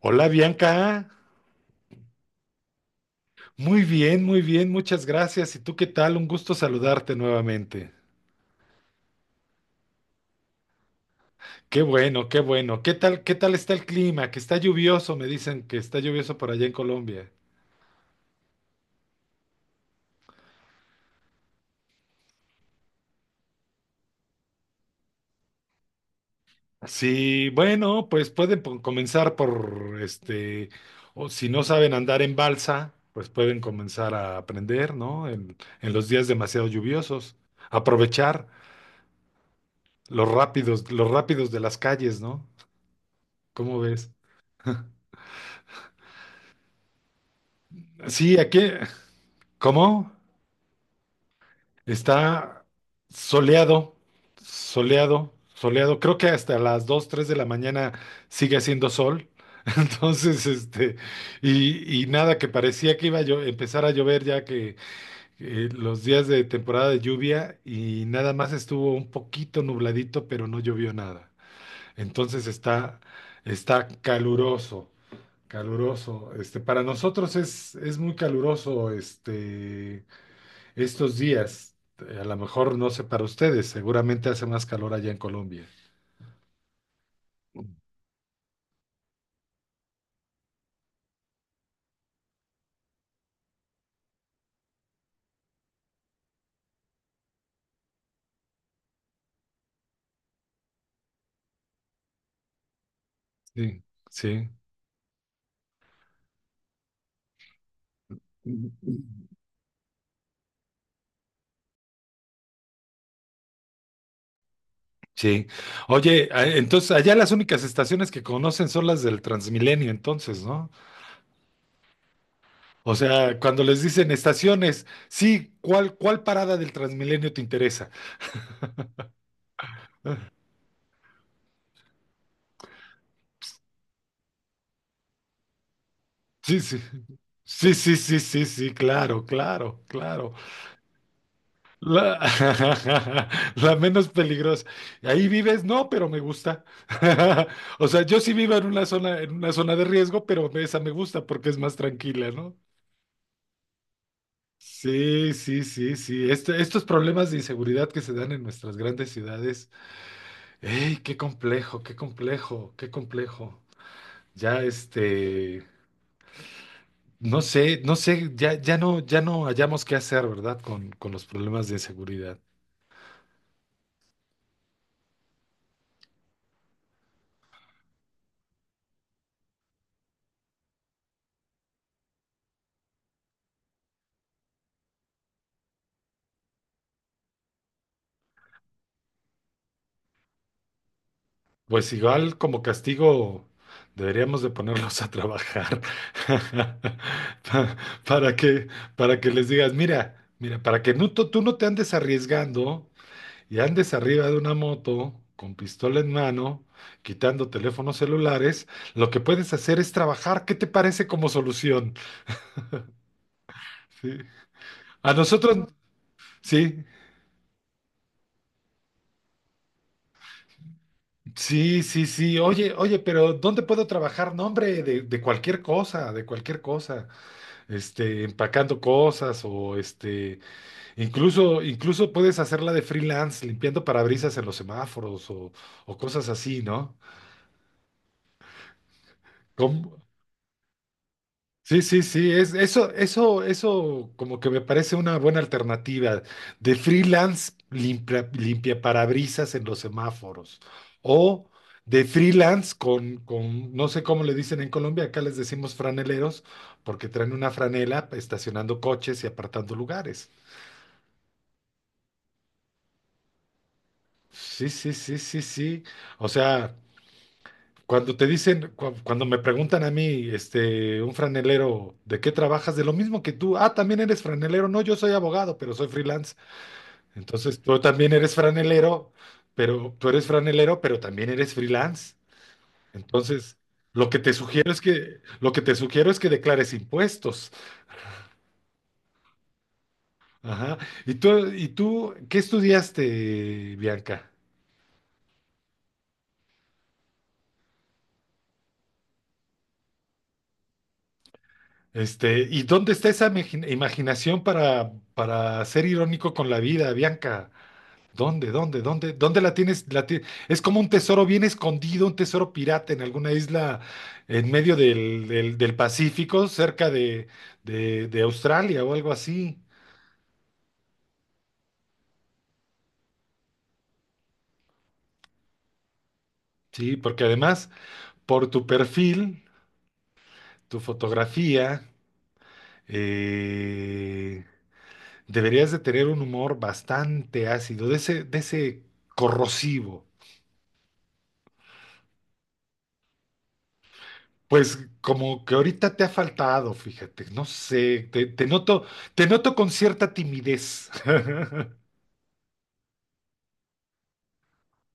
Hola Bianca, muy bien, muchas gracias. ¿Y tú qué tal? Un gusto saludarte nuevamente. Qué bueno, qué bueno. Qué tal está el clima? Que está lluvioso, me dicen que está lluvioso por allá en Colombia. Sí, bueno, pues pueden comenzar por o si no saben andar en balsa, pues pueden comenzar a aprender, ¿no? En los días demasiado lluviosos. Aprovechar los rápidos de las calles, ¿no? ¿Cómo ves? Sí, aquí, ¿cómo? Está soleado, soleado, soleado. Creo que hasta las 2, 3 de la mañana sigue haciendo sol. Entonces, y nada, que parecía que iba a empezar a llover ya que los días de temporada de lluvia y nada más estuvo un poquito nubladito, pero no llovió nada. Entonces está caluroso, caluroso. Para nosotros es muy caluroso. Estos días, a lo mejor no sé para ustedes, seguramente hace más calor allá en Colombia. Sí, sí, sí. Oye, entonces allá las únicas estaciones que conocen son las del Transmilenio, entonces, ¿no? O sea, cuando les dicen estaciones, sí, ¿cuál parada del Transmilenio te interesa? Sí, sí. Sí, sí, sí, sí, sí, claro, claro, claro. La, la menos peligrosa. Ahí vives, no, pero me gusta. O sea, yo sí vivo en una zona de riesgo, pero esa me gusta porque es más tranquila, ¿no? Sí, sí, sí, sí. Estos problemas de inseguridad que se dan en nuestras grandes ciudades. ¡Ey, qué complejo, qué complejo, qué complejo! Ya, no sé, no sé, ya, ya no, ya no hallamos qué hacer, ¿verdad? Con los problemas de inseguridad. Pues igual como castigo deberíamos de ponerlos a trabajar. Pa- para que para que les digas, mira, mira, para que no, tú no te andes arriesgando y andes arriba de una moto con pistola en mano, quitando teléfonos celulares, lo que puedes hacer es trabajar. ¿Qué te parece como solución? Sí. A nosotros, sí, sí, sí, sí. Oye, oye, pero ¿dónde puedo trabajar? No, hombre, de cualquier cosa, de cualquier cosa. Empacando cosas o incluso, incluso puedes hacerla de freelance, limpiando parabrisas en los semáforos o cosas así, ¿no? ¿Cómo? Sí, sí, sí, eso, eso, eso como que me parece una buena alternativa de freelance limpia parabrisas en los semáforos o de freelance con, no sé cómo le dicen en Colombia, acá les decimos franeleros porque traen una franela estacionando coches y apartando lugares. Sí, sí, sí, sí, sí. O sea, cuando te dicen, cuando me preguntan a mí, un franelero, ¿de qué trabajas? De lo mismo que tú. Ah, también eres franelero. No, yo soy abogado, pero soy freelance. Entonces, tú también eres franelero, pero tú eres franelero, pero también eres freelance. Entonces, lo que te sugiero es que, lo que te sugiero es que declares impuestos. Ajá. Y tú, qué estudiaste, Bianca? ¿Y dónde está esa imaginación para ser irónico con la vida, Bianca? ¿Dónde, dónde, dónde, dónde la tienes? Es como un tesoro bien escondido, un tesoro pirata en alguna isla en medio del Pacífico, cerca de Australia o algo así. Sí, porque además, por tu perfil, tu fotografía, eh, deberías de tener un humor bastante ácido, de ese corrosivo. Pues como que ahorita te ha faltado, fíjate, no sé, te noto con cierta timidez.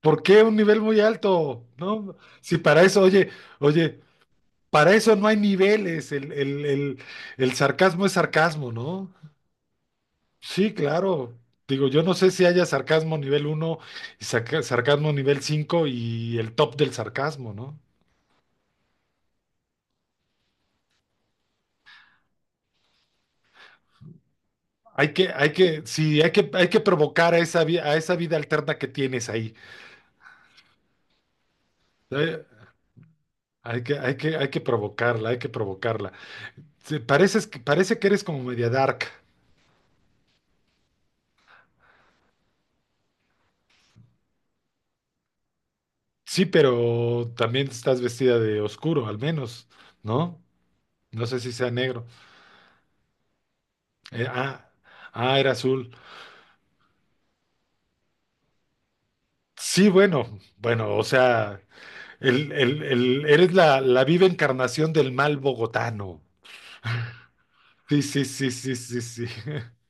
¿Por qué un nivel muy alto? No, si para eso, oye, oye, para eso no hay niveles, el sarcasmo es sarcasmo, ¿no? Sí, claro. Digo, yo no sé si haya sarcasmo nivel uno y sarcasmo nivel 5 y el top del sarcasmo, ¿no? Hay que, sí, hay que provocar a esa, a esa vida alterna que tienes ahí. Eh, Hay que, hay que, hay que provocarla, hay que provocarla. Sí, pareces, parece que eres como media dark. Sí, pero también estás vestida de oscuro, al menos, ¿no? No sé si sea negro. Eh, ah, ah, era azul. Sí, bueno, bueno, o sea, eres la viva encarnación del mal bogotano. Sí, sí, sí, sí, sí, sí.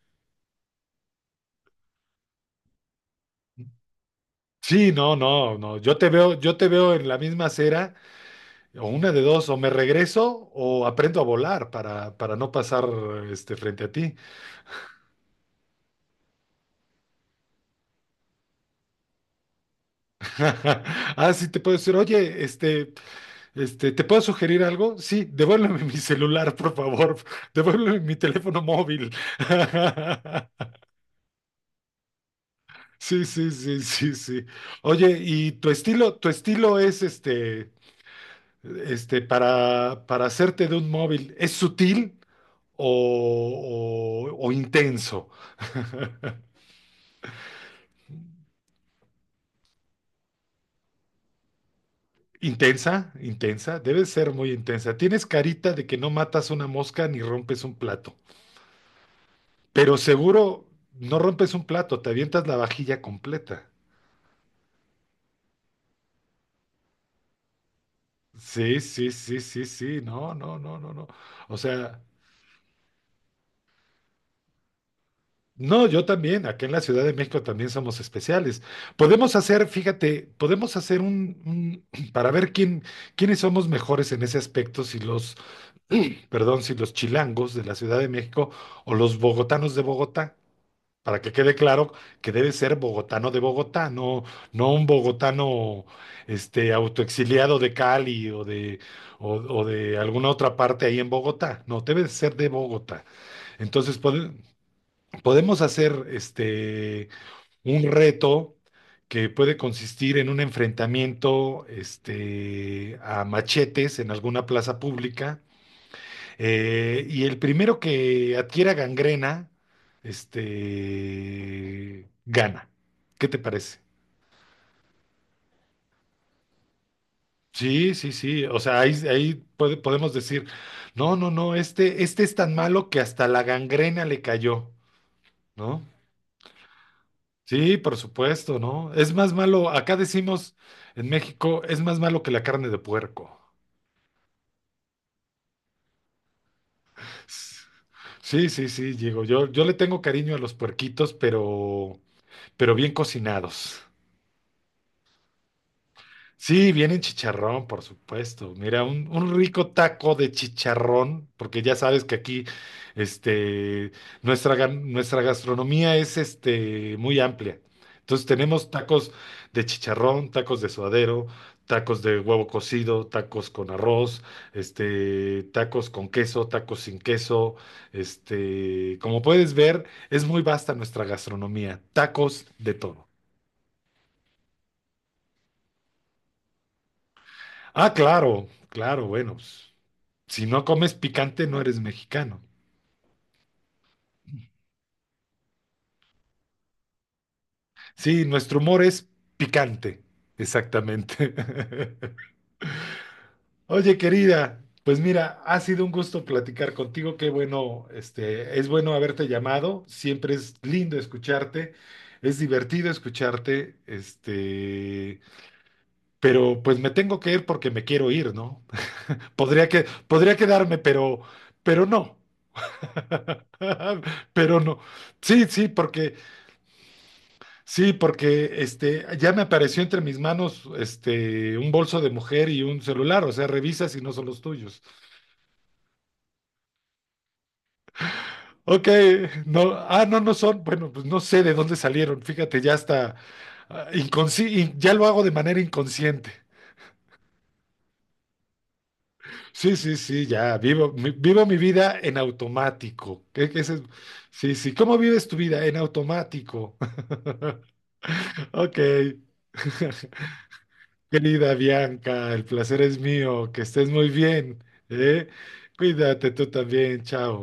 Sí, no, no, no. Yo te veo en la misma acera. O una de dos, o me regreso o aprendo a volar para no pasar frente a ti. Ah, sí, te puedo decir, oye, ¿te puedo sugerir algo? Sí, devuélveme mi celular, por favor. Devuélveme mi teléfono móvil. Sí, sí, sí, sí, sí. Oye, ¿y tu estilo es para hacerte de un móvil, es sutil o intenso? Intensa, intensa, debe ser muy intensa. Tienes carita de que no matas una mosca ni rompes un plato, pero seguro no rompes un plato, te avientas la vajilla completa. Sí, sí, sí, sí, sí, no, no, no, no, no. O sea, no, yo también, acá en la Ciudad de México también somos especiales. Podemos hacer, fíjate, podemos hacer para ver quiénes somos mejores en ese aspecto, si perdón, si los chilangos de la Ciudad de México o los bogotanos de Bogotá, para que quede claro que debe ser bogotano de Bogotá, no, no un bogotano autoexiliado de Cali o de alguna otra parte ahí en Bogotá, no, debe ser de Bogotá. Entonces podemos hacer un reto que puede consistir en un enfrentamiento a machetes en alguna plaza pública, y el primero que adquiera gangrena, gana. ¿Qué te parece? Sí, sí, sí. O sea, ahí, ahí podemos decir, no, no, no, este es tan malo que hasta la gangrena le cayó, ¿no? Sí, por supuesto, ¿no? Es más malo, acá decimos en México, es más malo que la carne de puerco. Sí, sí, sí, Diego. Yo le tengo cariño a los puerquitos, pero bien cocinados. Sí, viene en chicharrón, por supuesto. Mira, un rico taco de chicharrón, porque ya sabes que aquí, este, nuestra gastronomía es muy amplia. Entonces tenemos tacos de chicharrón, tacos de suadero, tacos de huevo cocido, tacos con arroz, tacos con queso, tacos sin queso. Como puedes ver, es muy vasta nuestra gastronomía. Tacos de todo. Ah, claro, claro, bueno, pues, si no comes picante, no eres mexicano. Sí, nuestro humor es picante, exactamente. Oye, querida, pues mira, ha sido un gusto platicar contigo. Qué bueno, es bueno haberte llamado. Siempre es lindo escucharte. Es divertido escucharte, pero pues me tengo que ir porque me quiero ir, ¿no? Podría quedarme, pero no. Pero no. Sí, sí, porque, sí, porque ya me apareció entre mis manos un bolso de mujer y un celular, o sea, revisa si no son los tuyos. Ok, no, ah, no, no son, bueno, pues no sé de dónde salieron, fíjate, ya está, y ya lo hago de manera inconsciente. Sí, sí, sí, ya, vivo mi vida en automático. ¿Qué es eso? Sí, sí, ¿cómo vives tu vida? En automático. Ok. Querida Bianca, el placer es mío, que estés muy bien, ¿eh? Cuídate tú también, chao.